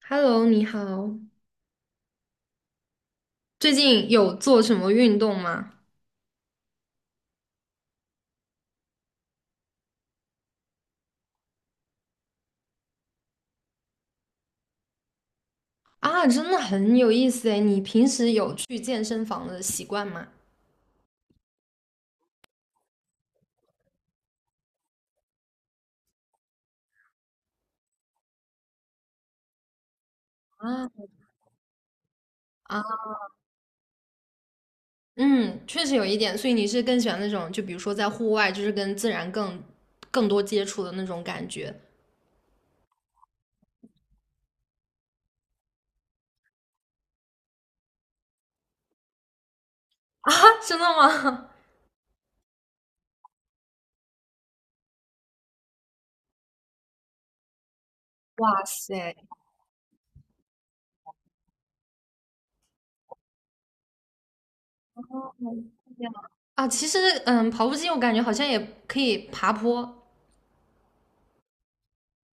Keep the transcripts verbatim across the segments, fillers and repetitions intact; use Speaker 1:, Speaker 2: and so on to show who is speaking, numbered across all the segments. Speaker 1: Hello，你好，最近有做什么运动吗？啊，真的很有意思诶，你平时有去健身房的习惯吗？啊啊，嗯，确实有一点，所以你是更喜欢那种，就比如说在户外，就是跟自然更更多接触的那种感觉啊？真的吗？哇塞，哦这样啊，其实嗯，跑步机我感觉好像也可以爬坡，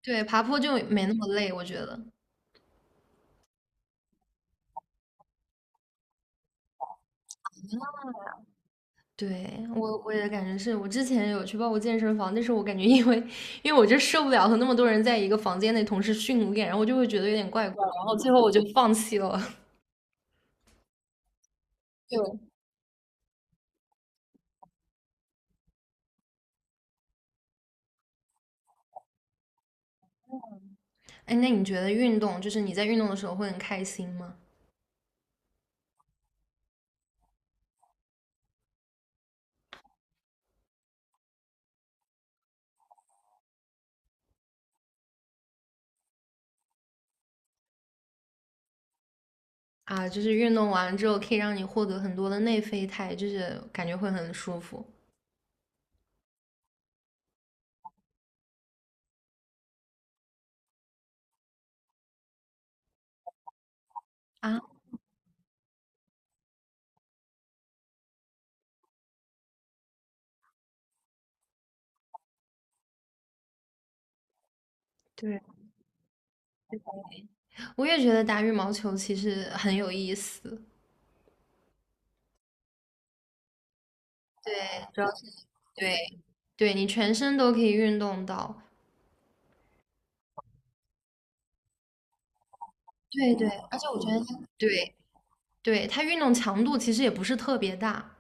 Speaker 1: 对，爬坡就没那么累，我觉得。对，我我也感觉是我之前有去报过健身房，但是我感觉因为因为我就受不了和那么多人在一个房间内同时训练，然后我就会觉得有点怪怪，然后最后我就放弃了。就，哎，那你觉得运动就是你在运动的时候会很开心吗？啊，就是运动完之后可以让你获得很多的内啡肽，就是感觉会很舒服啊。对，我也觉得打羽毛球其实很有意思。对，主要是对对，你全身都可以运动到。对对，而且我觉得它对对，它运动强度其实也不是特别大，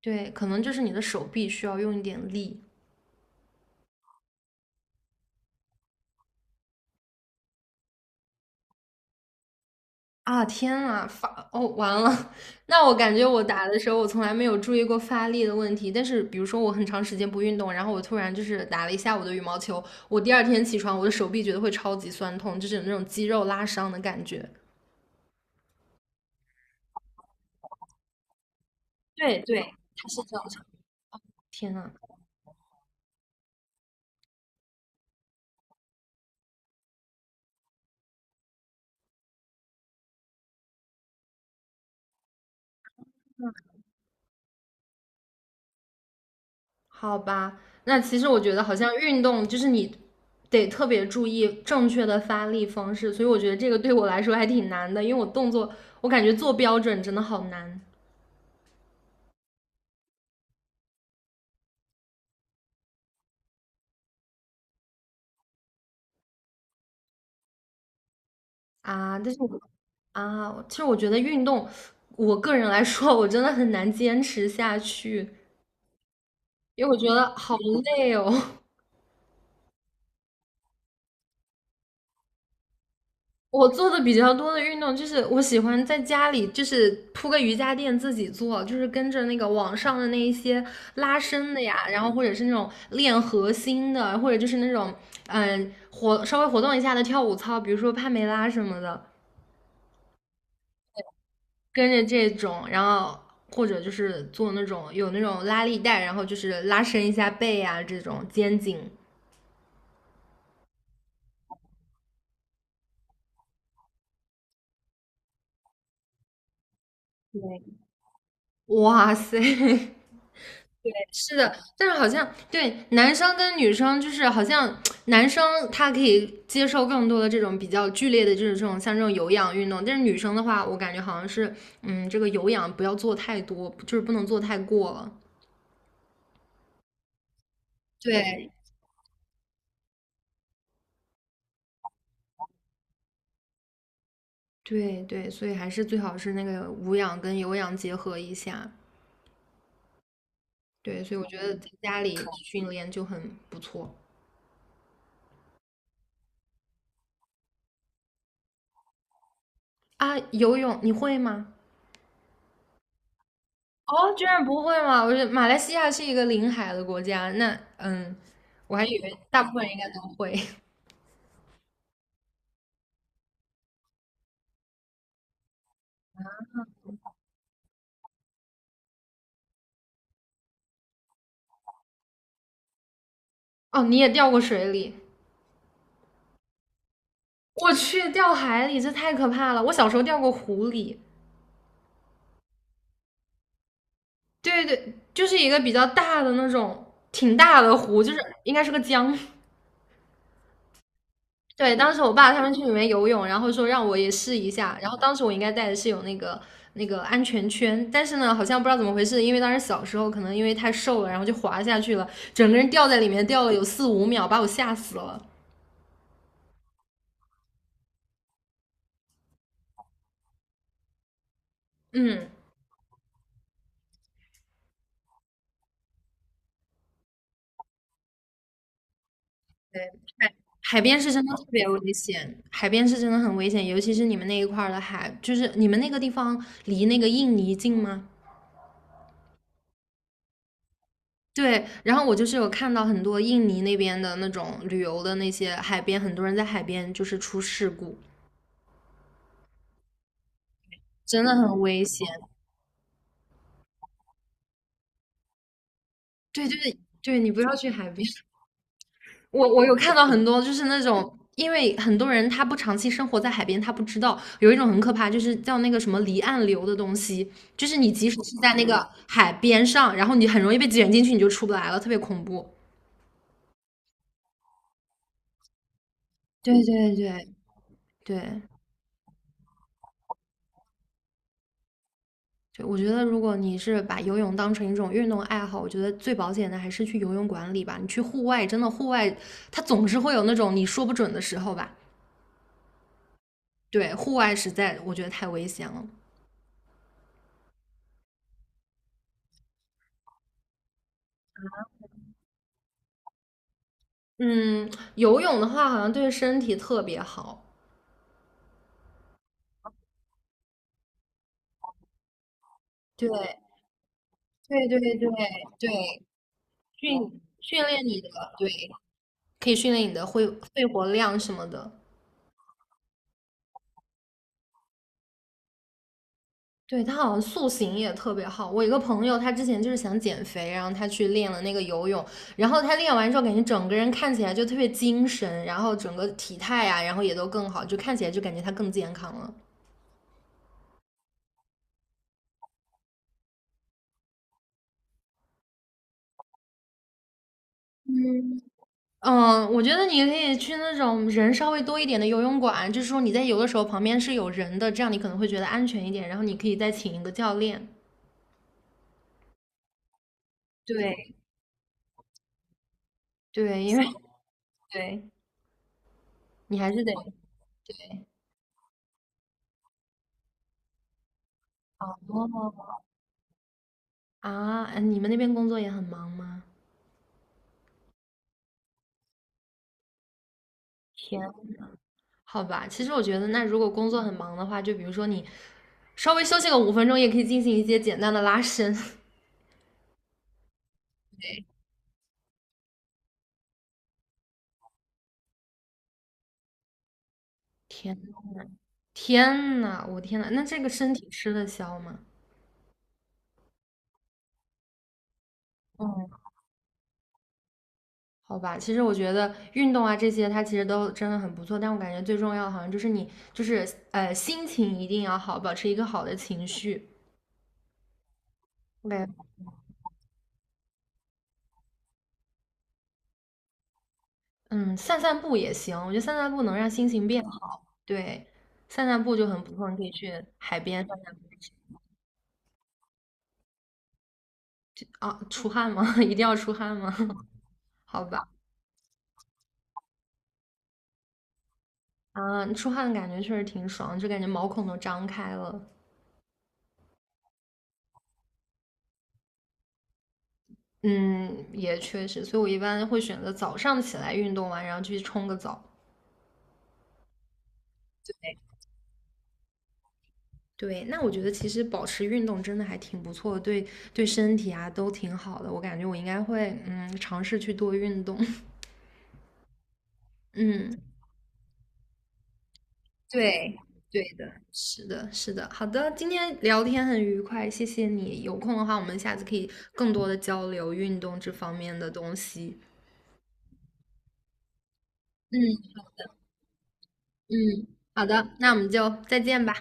Speaker 1: 对，可能就是你的手臂需要用一点力啊！天啊，发哦，完了！那我感觉我打的时候，我从来没有注意过发力的问题。但是，比如说我很长时间不运动，然后我突然就是打了一下午的羽毛球，我第二天起床，我的手臂觉得会超级酸痛，就是有那种肌肉拉伤的感觉。对对，它是这样子。天呐，好吧，那其实我觉得好像运动就是你得特别注意正确的发力方式，所以我觉得这个对我来说还挺难的，因为我动作我感觉做标准真的好难啊。但是我啊，其实我觉得运动，我个人来说我真的很难坚持下去，因为我觉得好累哦。我做的比较多的运动就是我喜欢在家里就是铺个瑜伽垫自己做，就是跟着那个网上的那一些拉伸的呀，然后或者是那种练核心的，或者就是那种嗯活稍微活动一下的跳舞操，比如说帕梅拉什么的，跟着这种，然后或者就是做那种有那种拉力带，然后就是拉伸一下背啊这种肩颈。对，哇塞，是的，但是好像对男生跟女生，就是好像男生他可以接受更多的这种比较剧烈的，就是这种像这种有氧运动，但是女生的话，我感觉好像是，嗯，这个有氧不要做太多，就是不能做太过了。对对对，所以还是最好是那个无氧跟有氧结合一下。对，所以我觉得在家里训练就很不错啊。游泳你会吗？哦，居然不会吗？我觉得马来西亚是一个临海的国家，那嗯，我还以为大部分人应该都会。哦，你也掉过水里？我去，掉海里，这太可怕了！我小时候掉过湖里，对对对，就是一个比较大的那种，挺大的湖，就是应该是个江，对，当时我爸他们去里面游泳，然后说让我也试一下。然后当时我应该带的是有那个那个安全圈，但是呢，好像不知道怎么回事，因为当时小时候可能因为太瘦了，然后就滑下去了，整个人掉在里面掉了有四五秒，把我吓死了。嗯，对，海边是真的特别危险，海边是真的很危险，尤其是你们那一块儿的海，就是你们那个地方离那个印尼近吗？对，然后我就是有看到很多印尼那边的那种旅游的那些海边，很多人在海边就是出事故。真的很危险。对，就是对你不要去海边。我我有看到很多就是那种，因为很多人他不长期生活在海边，他不知道有一种很可怕，就是叫那个什么离岸流的东西，就是你即使是在那个海边上，然后你很容易被卷进去，你就出不来了，特别恐怖。对对对对对，我觉得如果你是把游泳当成一种运动爱好，我觉得最保险的还是去游泳馆里吧。你去户外，真的户外，它总是会有那种你说不准的时候吧。对，户外实在我觉得太危险了。嗯，游泳的话好像对身体特别好，对对对对对，训训练你的，对，可以训练你的肺肺活量什么的。对，他好像塑形也特别好。我一个朋友，他之前就是想减肥，然后他去练了那个游泳，然后他练完之后，感觉整个人看起来就特别精神，然后整个体态啊，然后也都更好，就看起来就感觉他更健康了。嗯嗯，我觉得你可以去那种人稍微多一点的游泳馆，就是说你在游的时候旁边是有人的，这样你可能会觉得安全一点。然后你可以再请一个教练。对对，因为对，你还是得哦，啊，哎你们那边工作也很忙吗？天，好吧，其实我觉得，那如果工作很忙的话，就比如说你稍微休息个五分钟，也可以进行一些简单的拉伸。天，天呐，我天呐，那这个身体吃得消吗？好吧，其实我觉得运动啊这些，它其实都真的很不错，但我感觉最重要的好像就是你，就是呃心情一定要好，保持一个好的情绪。对，嗯，散散步也行，我觉得散散步能让心情变好。对，散散步就很不错，你可以去海边散散步。啊，出汗吗？一定要出汗吗？好吧，啊，出汗的感觉确实挺爽，就感觉毛孔都张开了。嗯，也确实，所以我一般会选择早上起来运动完，然后去冲个澡。对。对，那我觉得其实保持运动真的还挺不错的，对对身体啊都挺好的。我感觉我应该会嗯尝试去多运动。嗯，对对的，是的，是的。好的，今天聊天很愉快，谢谢你。有空的话，我们下次可以更多的交流运动这方面的东西。嗯嗯，好的，那我们就再见吧。